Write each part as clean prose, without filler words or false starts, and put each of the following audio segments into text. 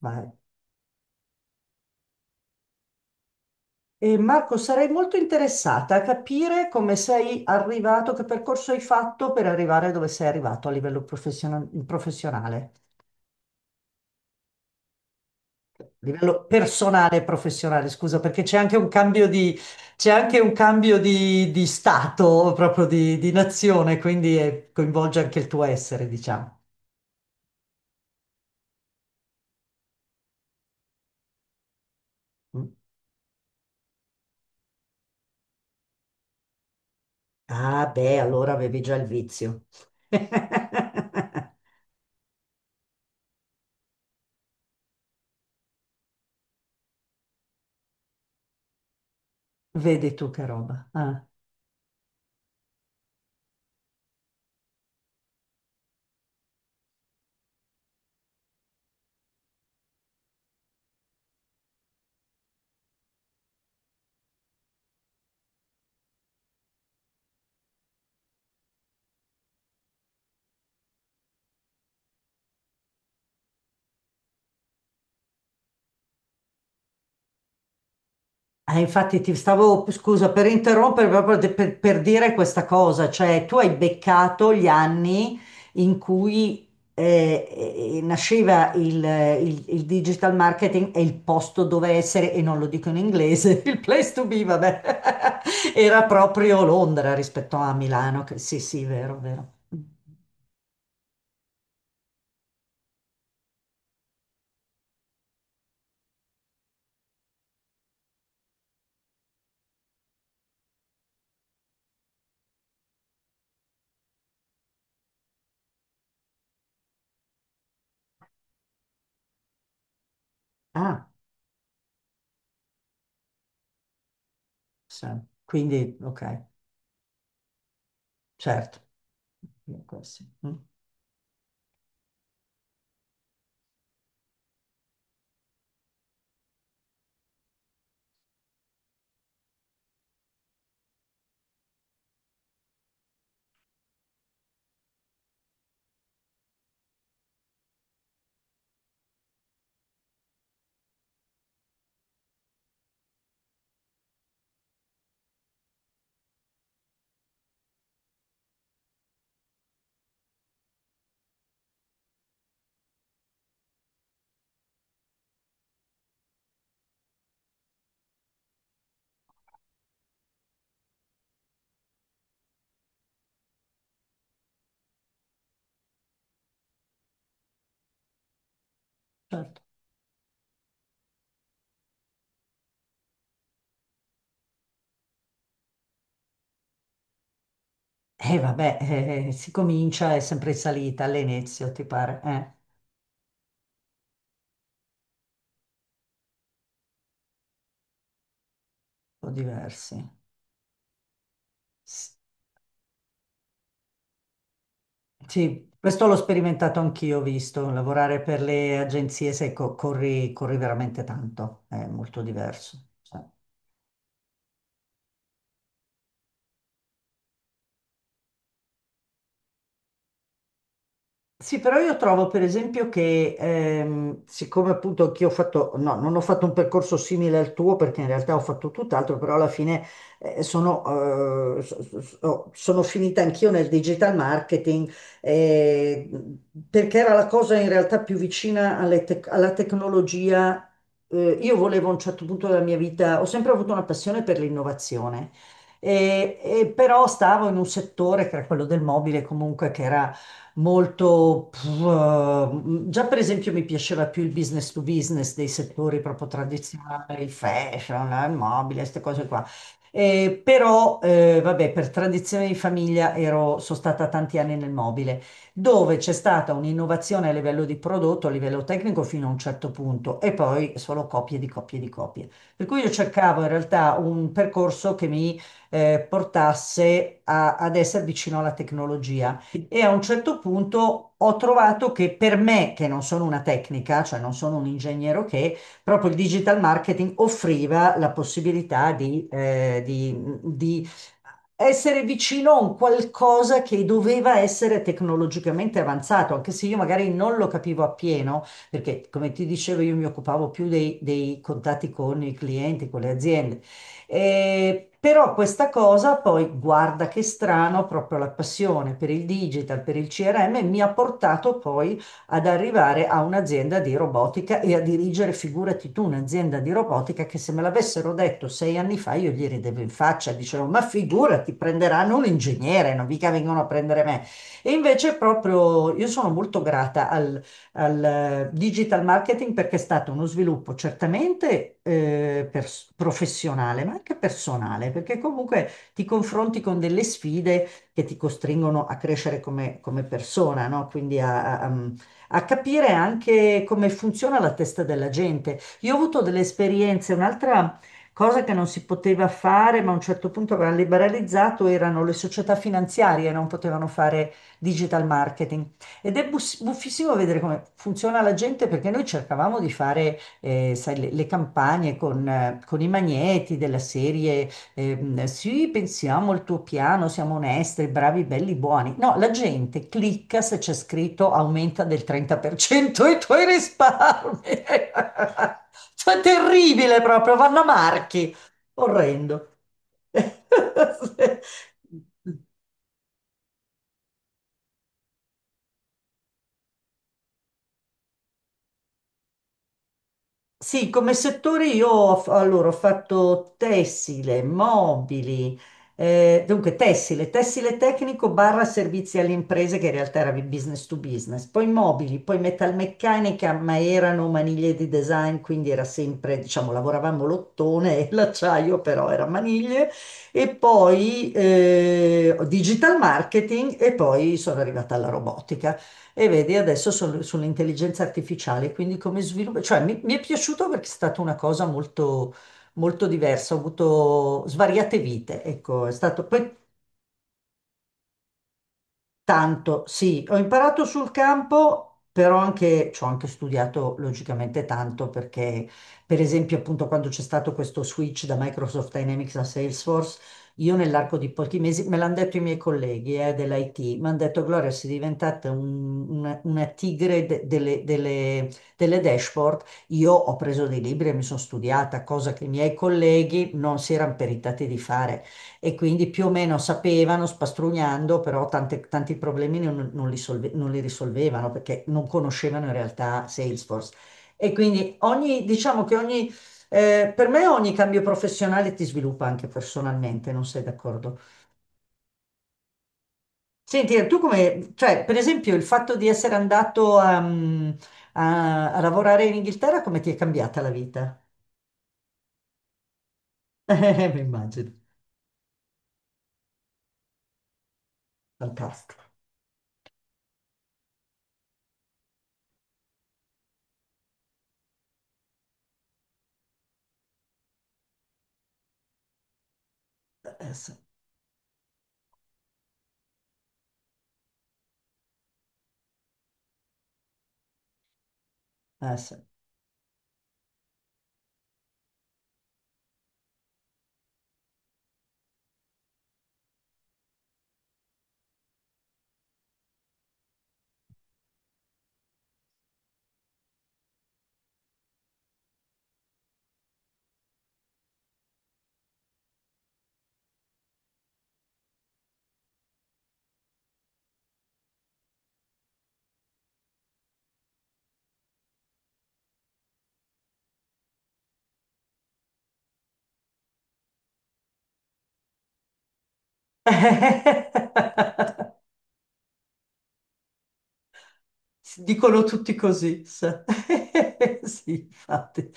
Ma- E Marco, sarei molto interessata a capire come sei arrivato, che percorso hai fatto per arrivare dove sei arrivato a livello professionale, a livello personale e professionale, scusa, perché c'è anche un cambio c'è anche un cambio di stato, proprio di nazione, quindi coinvolge anche il tuo essere, diciamo. Mm. Ah, beh, allora avevi già il vizio. Vedi tu che roba. Ah. Infatti ti stavo, scusa per interrompere, proprio per dire questa cosa, cioè tu hai beccato gli anni in cui nasceva il digital marketing e il posto dove essere, e non lo dico in inglese, il place to be, vabbè, era proprio Londra rispetto a Milano, sì sì, vero, vero. Ah, sì. Quindi, ok, certo. Sì. Mm. Certo. Vabbè, si comincia, è sempre in salita all'inizio, ti pare? Un po' diversi. S- Sì, questo l'ho sperimentato anch'io, ho visto, lavorare per le agenzie, sai, corri, corri veramente tanto, è molto diverso, cioè. Sì, però io trovo per esempio che, siccome appunto anch'io ho fatto, no, non ho fatto un percorso simile al tuo perché in realtà ho fatto tutt'altro, però alla fine sono, so- so- so- sono finita anch'io nel digital marketing, eh, perché era la cosa in realtà più vicina alle alla tecnologia. Io volevo a un certo punto della mia vita, ho sempre avuto una passione per l'innovazione. E però stavo in un settore che era quello del mobile, comunque che era molto, pff, già per esempio mi piaceva più il business to business dei settori proprio tradizionali, il fashion, il mobile, queste cose qua. Però, vabbè, per tradizione di famiglia ero, sono stata tanti anni nel mobile, dove c'è stata un'innovazione a livello di prodotto, a livello tecnico fino a un certo punto, e poi solo copie di copie di copie. Per cui io cercavo in realtà un percorso che mi portasse ad essere vicino alla tecnologia. E a un certo punto ho trovato che per me, che non sono una tecnica, cioè non sono un ingegnere che, proprio il digital marketing offriva la possibilità di, di essere vicino a un qualcosa che doveva essere tecnologicamente avanzato, anche se io magari non lo capivo appieno, perché come ti dicevo io mi occupavo più dei contatti con i clienti, con le aziende, però questa cosa poi, guarda che strano, proprio la passione per il digital, per il CRM, mi ha portato poi ad arrivare a un'azienda di robotica e a dirigere, figurati tu, un'azienda di robotica che se me l'avessero detto 6 anni fa io gli ridevo in faccia, dicevo, ma figurati, prenderanno un ingegnere, non mica vengono a prendere me. E invece proprio io sono molto grata al digital marketing perché è stato uno sviluppo certamente professionale, ma anche personale, perché comunque ti confronti con delle sfide che ti costringono a crescere come, come persona, no? Quindi a capire anche come funziona la testa della gente. Io ho avuto delle esperienze, un'altra cosa che non si poteva fare, ma a un certo punto avevano liberalizzato, erano le società finanziarie, non potevano fare digital marketing. Ed è buffissimo vedere come funziona la gente perché noi cercavamo di fare, sai, le campagne con i magneti della serie, sì, pensiamo al tuo piano, siamo onesti, bravi, belli, buoni. No, la gente clicca se c'è scritto aumenta del 30% i tuoi risparmi. Cioè, terribile proprio, vanno a marchi. Orrendo. Sì, come settore io ho, allora, ho fatto tessile, mobili, dunque tessile, tessile tecnico barra servizi alle imprese che in realtà era business to business, poi mobili, poi metalmeccanica, ma erano maniglie di design, quindi era sempre, diciamo, lavoravamo l'ottone e l'acciaio però era maniglie, e poi digital marketing e poi sono arrivata alla robotica. E vedi, adesso sono sull'intelligenza artificiale, quindi come sviluppo, cioè mi è piaciuto perché è stata una cosa molto, molto diversa, ho avuto svariate vite, ecco, è stato, poi tanto, sì, ho imparato sul campo, però anche, ci ho anche studiato logicamente tanto perché, per esempio, appunto quando c'è stato questo switch da Microsoft Dynamics a Salesforce, io nell'arco di pochi mesi, me l'hanno detto i miei colleghi dell'IT, mi hanno detto Gloria, sei diventata una tigre delle delle dashboard. Io ho preso dei libri e mi sono studiata, cosa che i miei colleghi non si erano peritati di fare e quindi più o meno sapevano, spastrugnando, però tanti problemi non li non li risolvevano perché non conoscevano in realtà Salesforce. E quindi ogni, diciamo che ogni, per me ogni cambio professionale ti sviluppa anche personalmente, non sei d'accordo? Senti, tu come, cioè, per esempio, il fatto di essere andato a, mm, a lavorare in Inghilterra, come ti è cambiata la vita? Mi immagino, fantastico. Sì, sì. Dicono tutti così, sa. Sì, infatti.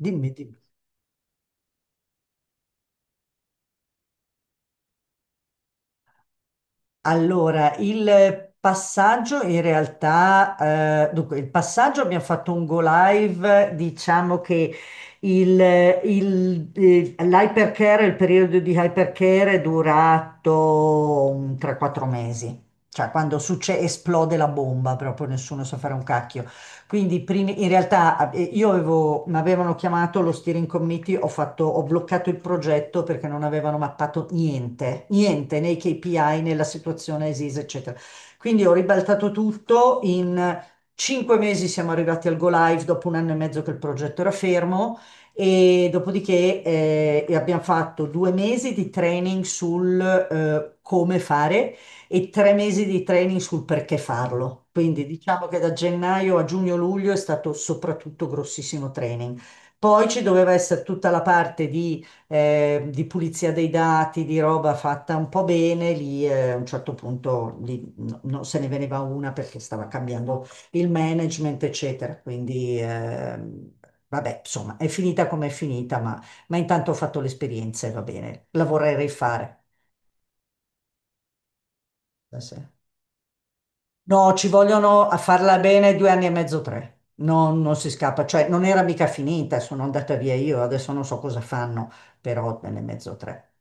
Dimmi, dimmi. Allora, il passaggio in realtà, dunque, il passaggio abbiamo fatto un go live, diciamo che il, l'hypercare, il periodo di hypercare è durato un 3-4 mesi, cioè quando esplode la bomba, proprio nessuno sa fare un cacchio. Quindi in realtà io avevo, mi avevano chiamato lo steering committee, ho fatto, ho bloccato il progetto perché non avevano mappato niente, niente nei KPI, nella situazione esisa, eccetera. Quindi ho ribaltato tutto, in 5 mesi siamo arrivati al go live dopo 1 anno e mezzo che il progetto era fermo e dopodiché abbiamo fatto 2 mesi di training sul come fare e 3 mesi di training sul perché farlo. Quindi diciamo che da gennaio a giugno-luglio è stato soprattutto grossissimo training. Poi ci doveva essere tutta la parte di pulizia dei dati, di roba fatta un po' bene, lì a un certo punto lì, non se ne veniva una perché stava cambiando il management, eccetera. Quindi vabbè, insomma, è finita come è finita, ma intanto ho fatto l'esperienza e va bene, la vorrei rifare. Sì, sì. No, ci vogliono a farla bene 2 anni e mezzo, tre. No, non si scappa, cioè non era mica finita, sono andata via io, adesso non so cosa fanno, però 2 anni e mezzo, tre.